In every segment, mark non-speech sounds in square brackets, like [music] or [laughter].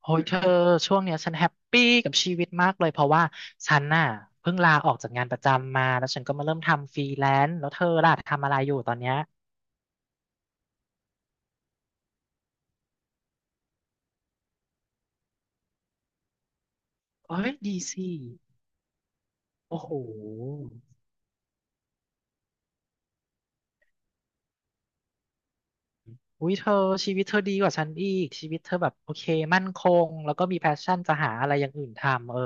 โอ้ยเธอช่วงเนี้ยฉันแฮปปี้กับชีวิตมากเลยเพราะว่าฉันน่ะเพิ่งลาออกจากงานประจำมาแล้วฉันก็มาเริ่มทำฟรีแลนซ์แล้วเธอล่ะทำอะไรอยู่ตอนเนี้ยเอ้ยดีสิโอ้โหอุ้ยเธอชีวิตเธอดีกว่าฉันอีกชีวิตเธอแบบโอเคมั่นคงแล้วก็มีแพชชั่นจะหาอะไรอย่างอื่นทำเออ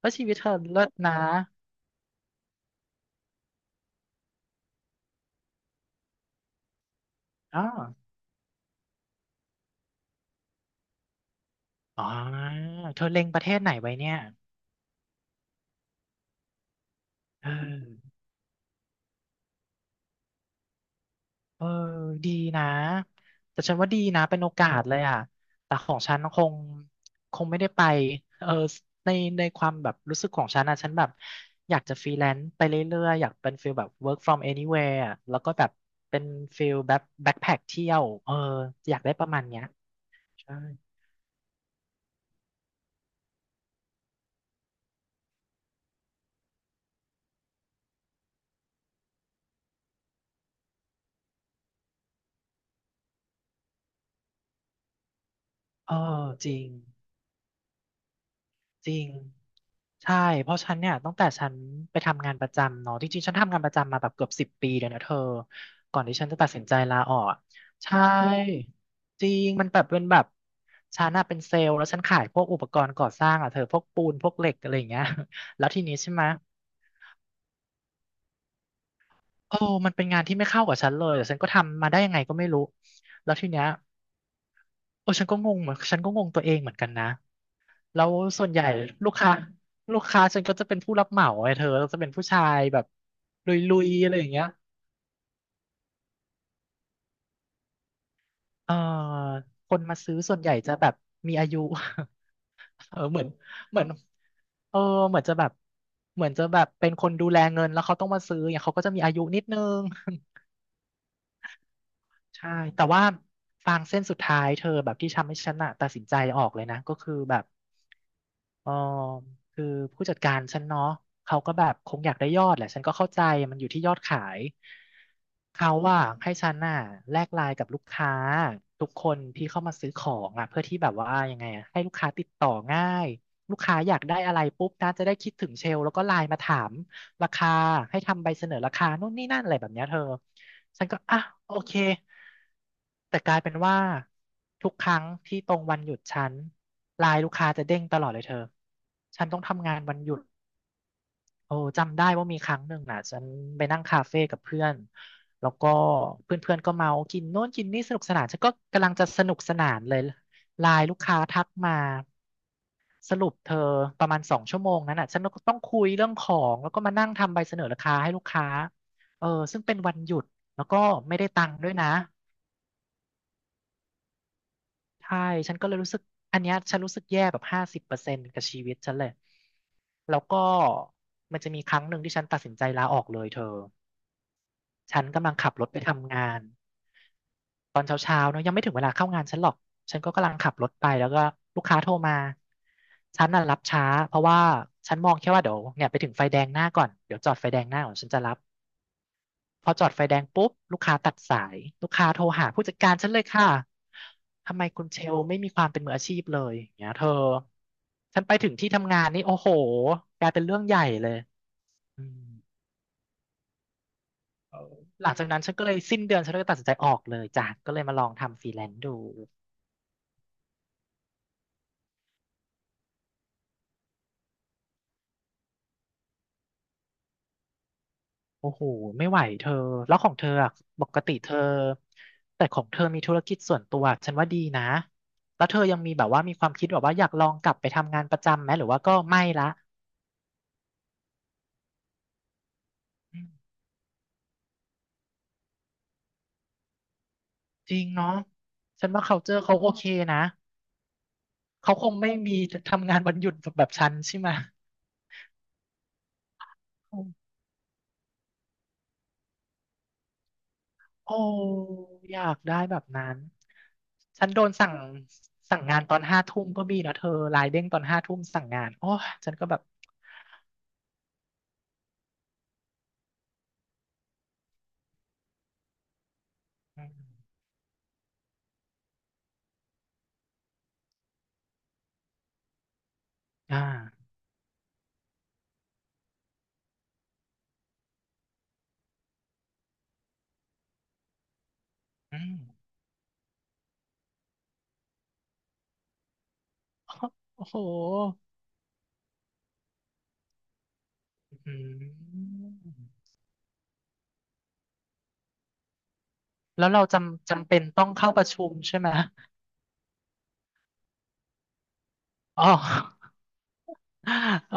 แล้วชีวิตเธอเลิศนะอ๋ออ๋อเธอเล็งประเทศไหนไว้เนี่ยเออ เออดีนะแต่ฉันว่าดีนะเป็นโอกาสเลยอ่ะแต่ของฉันคงไม่ได้ไปเออในในความแบบรู้สึกของฉันนะฉันแบบอยากจะฟรีแลนซ์ไปเรื่อยๆอยากเป็นฟิลแบบ work from anywhere อะแล้วก็แบบเป็นฟิลแบบแบ็คแพ็คเที่ยวเอออยากได้ประมาณเนี้ยใช่เออจริง จริงใช่เพราะฉันเนี่ยตั้งแต่ฉันไปทำงานประจำเนาะจริงๆฉันทำงานประจำมาแบบเกือบ10 ปีเลยนะเธอ ก่อนที่ฉันจะตัดสินใจลาออกอะใช่จริงมันแบบเป็นแบบฉันน่ะเป็นเซลล์แล้วฉันขายพวกอุปกรณ์ก่อสร้างอ่ะเธอพวกปูนพวกเหล็กอะไรอย่างเงี้ย [laughs] แล้วทีนี้ใช่ไหมโอ้มันเป็นงานที่ไม่เข้ากับฉันเลยแต่ฉันก็ทำมาได้ยังไงก็ไม่รู้แล้วทีเนี้ยโอ้ฉันก็งงเหมือนฉันก็งงตัวเองเหมือนกันนะ แล้วส่วนใหญ่ลูกค้าลูกค้าฉันก็จะเป็นผู้รับเหมาไอ้เธอแล้วจะเป็นผู้ชายแบบลุยๆอะไรอย่างเงี้ยเออคนมาซื้อส่วนใหญ่จะแบบมีอายุ [laughs] เออเหมือนเออเหมือนจะแบบเหมือนจะแบบเป็นคนดูแลเงินแล้วเขาต้องมาซื้อเนี่ยเขาก็จะมีอายุนิดนึง [laughs] ใช่แต่ว่าฟางเส้นสุดท้ายเธอแบบที่ทำให้ฉันอะตัดสินใจออกเลยนะก็คือแบบ เออคือผู้จัดการฉันเนาะเขาก็แบบคงอยากได้ยอดแหละฉันก็เข้าใจมันอยู่ที่ยอดขายเขาว่าให้ฉันน่ะแลกไลน์กับลูกค้าทุกคนที่เข้ามาซื้อของอ่ะเพื่อที่แบบว่ายังไงอ่ะให้ลูกค้าติดต่อง่ายลูกค้าอยากได้อะไรปุ๊บนะจะได้คิดถึงเชลแล้วก็ไลน์มาถามราคาให้ทำใบเสนอราคานู่นนี่นั่นอะไรแบบเนี้ยเธอ ฉันก็อ่ะโอเค แต่กลายเป็นว่าทุกครั้งที่ตรงวันหยุดฉันไลน์ลูกค้าจะเด้งตลอดเลยเธอฉันต้องทำงานวันหยุดโอ้จำได้ว่ามีครั้งหนึ่งน่ะฉันไปนั่งคาเฟ่กับเพื่อนแล้วก็เพื่อนๆก็เมากินโน่นกินนี่สนุกสนานฉันก็กำลังจะสนุกสนานเลยไลน์ลูกค้าทักมาสรุปเธอประมาณ2 ชั่วโมงนั้นน่ะฉันก็ต้องคุยเรื่องของแล้วก็มานั่งทำใบเสนอราคาให้ลูกค้าเออซึ่งเป็นวันหยุดแล้วก็ไม่ได้ตังค์ด้วยนะ ใช่ฉันก็เลยรู้สึกอันเนี้ยฉันรู้สึกแย่แบบ50%กับชีวิตฉันเลยแล้วก็มันจะมีครั้งหนึ่งที่ฉันตัดสินใจลาออกเลยเธอฉันกำลังขับรถไปทำงานตอนเช้าๆเนอะยังไม่ถึงเวลาเข้างานฉันหรอกฉันก็กำลังขับรถไปแล้วก็ลูกค้าโทรมาฉันน่ะรับช้าเพราะว่าฉันมองแค่ว่าเดี๋ยวเนี่ยไปถึงไฟแดงหน้าก่อนเดี๋ยวจอดไฟแดงหน้าก่อนฉันจะรับ พอจอดไฟแดงปุ๊บลูกค้าตัดสายลูกค้าโทรหาผู้จัดการฉันเลยค่ะทำไมคุณเชลไม่มีความเป็นมืออาชีพเลยอย่างเงี้ยเธอฉันไปถึงที่ทำงานนี่โอ้โหกลายเป็นเรื่องใหญ่เลยอืมหลังจากนั้นฉันก็เลยสิ้นเดือนฉันก็เลยตัดสินใจออกเลยจ้ะก็เลยมาลองทำฟรีแลนซ์ดูโอ้โหไม่ไหวเธอแล้วของเธออะปกติเธอแต่ของเธอมีธุรกิจส่วนตัวฉันว่าดีนะแล้วเธอยังมีแบบว่ามีความคิดแบบว่าอยากลองกลับไปทำงานประจำไหมหรือว่าก็ไม่ละ จริงเนาะฉันว่า culture เขาโอเคนะเขาคงไม่มีทำงานวันหยุดแบบฉันใช่ไหมอืมโอ้อยากได้แบบนั้นฉันโดนสั่งงานตอนห้าทุ่มก็มีนะเธอไลน์เด้งตอนห้าทุ่มสั่งงานโอ้ยฉันก็แบบอมอ่าอืมโอ้โหอืมแล้วเราจำเป็นต้องเข้าประชุมใช่ไหมอ๋อเออ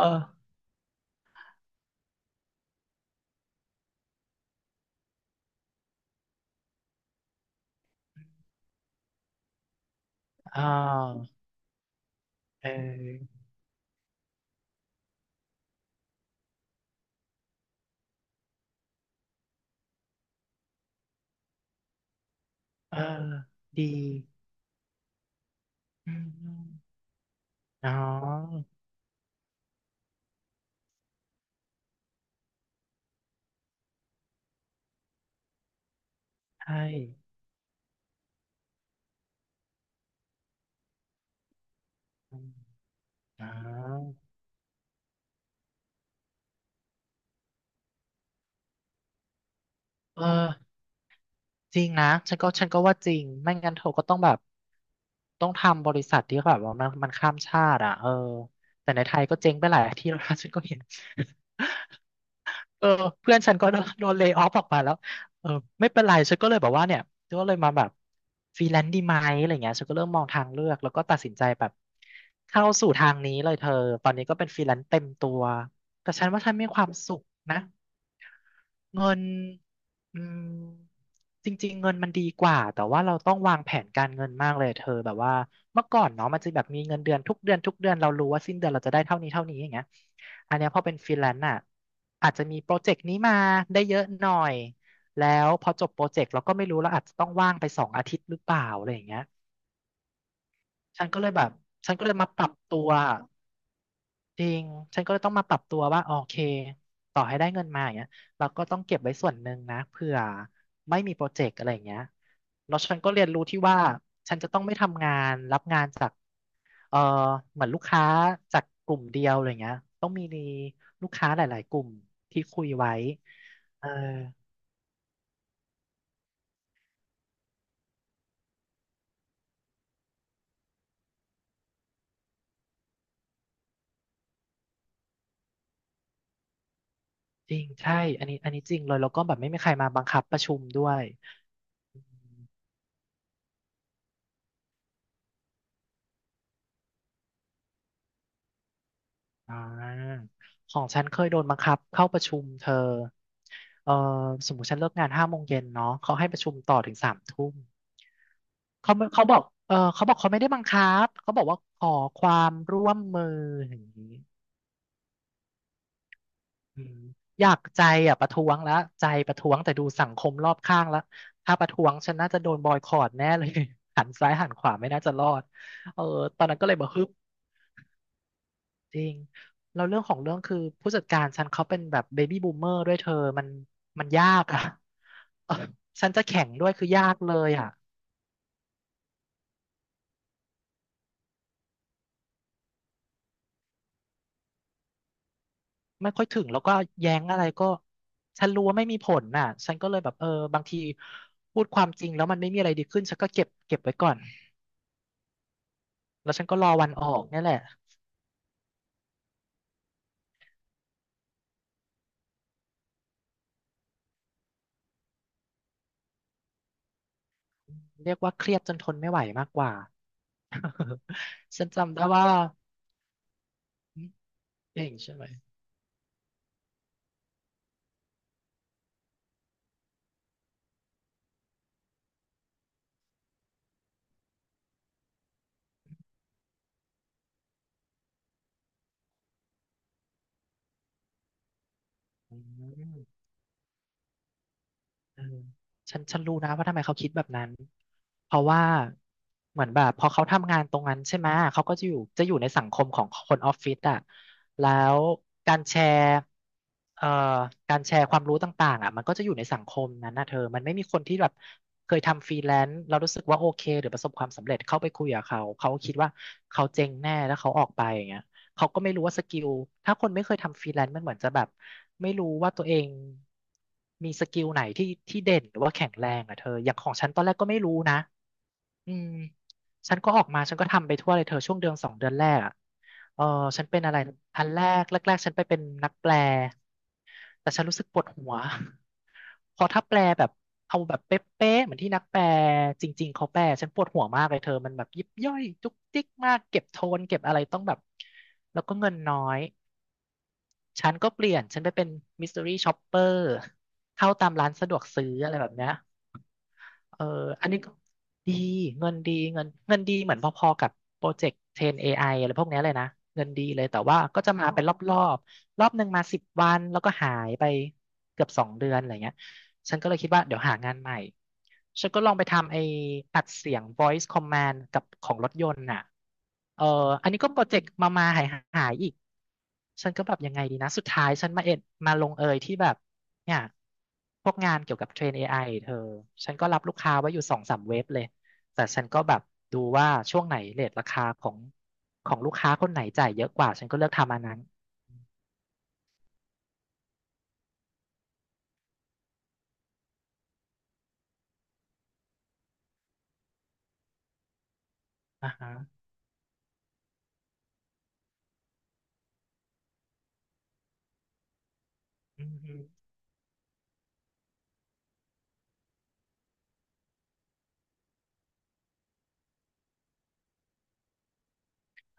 อ่าเออเออดีอืม อ๋อใช่อมอ๋อเออจริงนะฉันก็ว่าจริงไม่งั้นเธอก็ต้องแบบ ต้องทำบริษัทที่แบบว่ามันข้ามชาติอ่ะเออแต่ในไทยก็เจ๊งไปหลายที่แล้วนะ [laughs] ฉันก็เห็น [laughs] เออเพื่อนฉันก็โดนเลย์ออฟออกมาแล้วเออไม่เป็นไรฉันก็เลยแบบว่าเนี่ย ฉันก็เลยมาแบบฟรีแลนซ์ดีไหมอะไรเงี้ยฉันก็เริ่มมองทางเลือก แล้วก็ตัดสินใจแบบเข้าสู่ทางนี้เลยเธอตอนนี้ก็เป็นฟรีแลนซ์เต็มตัวแต่ฉันว่าฉันมีความสุขนะ เงินอืมจริงๆเงินมันดีกว่าแต่ว่าเราต้องวางแผนการเงินมากเลยเธอแบบว่าเมื่อก่อนเนาะมันจะแบบมีเงินเดือนทุกเดือนเรารู้ว่าสิ้นเดือนเราจะได้เท่านี้อย่างเงี้ยอันเนี้ยพอเป็นฟรีแลนซ์อ่ะอาจจะมีโปรเจกต์นี้มาได้เยอะหน่อยแล้วพอจบโปรเจกต์เราก็ไม่รู้เราอาจจะต้องว่างไป2 อาทิตย์หรือเปล่าอะไรอย่างเงี้ยฉันก็เลยแบบฉันก็เลยมาปรับตัว จริงฉันก็เลยต้องมาปรับตัวว่าโอเคต่อให้ได้เงินมาอย่างเงี้ยเราก็ต้องเก็บไว้ส่วนหนึ่งนะเผื่อไม่มีโปรเจกต์อะไรอย่างเงี้ยแล้วฉันก็เรียนรู้ที่ว่าฉันจะต้องไม่ทำงานรับงานจากเออเหมือนลูกค้าจากกลุ่มเดียวอะไรเงี้ยต้องมีลูกค้าหลาย ๆกลุ่มที่คุยไว้เออจริงใช่อันนี้จริงเลยแล้วก็แบบไม่มีใครมาบังคับประชุมด้วย อ่าของฉันเคยโดนบังคับเข้าประชุมเธอเออสมมติฉันเลิกงาน5 โมงเย็นเนาะเขาให้ประชุมต่อถึง3 ทุ่มเขาไม่เขาบอก เออเขาบอกเขาไม่ได้บังคับเขาบอกว่าขอความร่วมมืออย่างนี้อืมอยากใจอ่ะประท้วงแล้วใจประท้วงแต่ดูสังคมรอบข้างแล้วถ้าประท้วงฉันน่าจะโดนบอยคอตแน่เลย [laughs] หันซ้ายหันขวาไม่น่าจะรอดเออตอนนั้นก็เลยบอกฮึบ จริงแล้วเรื่องของเรื่องคือผู้จัดการฉันเขาเป็นแบบเบบี้บูมเมอร์ด้วยเธอมันมันยากอ่ะ [laughs] เออฉันจะแข่งด้วยคือยากเลยอ่ะไม่ค่อยถึงแล้วก็แย้งอะไรก็ฉันรู้ว่าไม่มีผลน่ะฉันก็เลยแบบเออบางทีพูดความจริงแล้วมันไม่มีอะไรดีขึ้นฉันก็เก็บไว้ก่อนแล้วฉันก็รอวันออกเนี่ยแหละเรียกว่าเครียดจนทนไม่ไหวมากกว่า [laughs] ฉันจำได้ว่าอืมเก่งใช่ไหมอืม เออฉันรู้นะว่าทำไมเขาคิดแบบนั้น เพราะว่าเหมือนแบบพอเขาทำงานตรงนั้นใช่ไหมเขาก็จะอยู่ในสังคมของคนออฟฟิศอ่ะแล้วการแชร์เอ่อการแชร์ความรู้ต่างๆอ่ะมันก็จะอยู่ในสังคมนั้นนะเธอมันไม่มีคนที่แบบเคยทำฟรีแลนซ์เรารู้สึกว่าโอเคหรือประสบความสำเร็จเข้าไปคุยกับเขาเขาคิดว่าเขาเจ๊งแน่แล้วเขาออกไปอย่างเงี้ย เขาก็ไม่รู้ว่าสกิลถ้าคนไม่เคยทำฟรีแลนซ์มันเหมือนจะแบบไม่รู้ว่าตัวเองมีสกิลไหนที่เด่นหรือว่าแข็งแรงอ่ะเธอ อย่างของฉันตอนแรกก็ไม่รู้นะอืมฉันก็ออกมาฉันก็ทำไปทั่วเลยเธอช่วงเดือน2 เดือนแรกอะเออฉันเป็นอะไรอันแรกๆฉันไปเป็นนักแปล แต่ฉันรู้สึกปวดหัว [laughs] พอถ้าแปลแบบเอาแบบเป๊ะๆเหมือนที่นักแปลจริงๆเขาแปลฉันปวดหัวมากเลยเธอมันแบบยิบย่อยจุกจิกมากเก็บโทนเก็บอะไรต้องแบบแล้วก็เงินน้อยฉันก็เปลี่ยนฉันไปเป็นมิส t ต r รี่ช็อปเปอร์เข้าตามร้านสะดวกซื้ออะไรแบบเนี้ย เอออันนี้ก็ดีเงินดีเงินดีเหมือนพอๆกับโปรเจกต์เทรน AI อไออะไรพวกเนี้ยเลยนะ เงินดีเลยแต่ว่าก็จะมาเป็นรอบหนึ่งมา10 วันแล้วก็หายไปเกือบสองเดือนอะไรเงี้ยฉันก็เลยคิดว่าเดี๋ยวหางานใหม่ ฉันก็ลองไปทำไอ้อัดเสียง voice command กับของรถยนต์น่ะเอออันนี้ก็โปรเจกต์มาหายหายอีก ฉันก็แบบยังไงดีนะ สุดท้ายฉันมาเอ็ดมาลงเอยที่แบบ เนี่ยพวกงานเกี่ยวกับเทรน AI เธอฉันก็รับลูกค้าไว้อยู่2-3 เว็บเลยแต่ฉันก็แบบดูว่าช่วงไหนเรทราคาของของลูกค้าคนไหนจ่ายเยอะกว่าฉันก็เลือกทำอันนั้นอ่าฮะอืมอม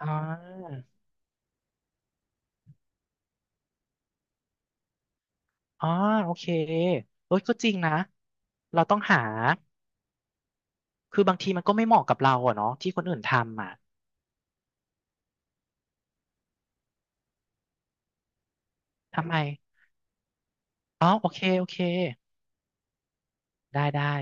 อ่าอ๋อโอเคเอ้ยก็จริงนะเราต้องหาคือบางทีมันก็ไม่เหมาะกับเราอะเนาะที่คนอื่นทำอ่ะทำไมอ๋อโอเคโอเคได้ได้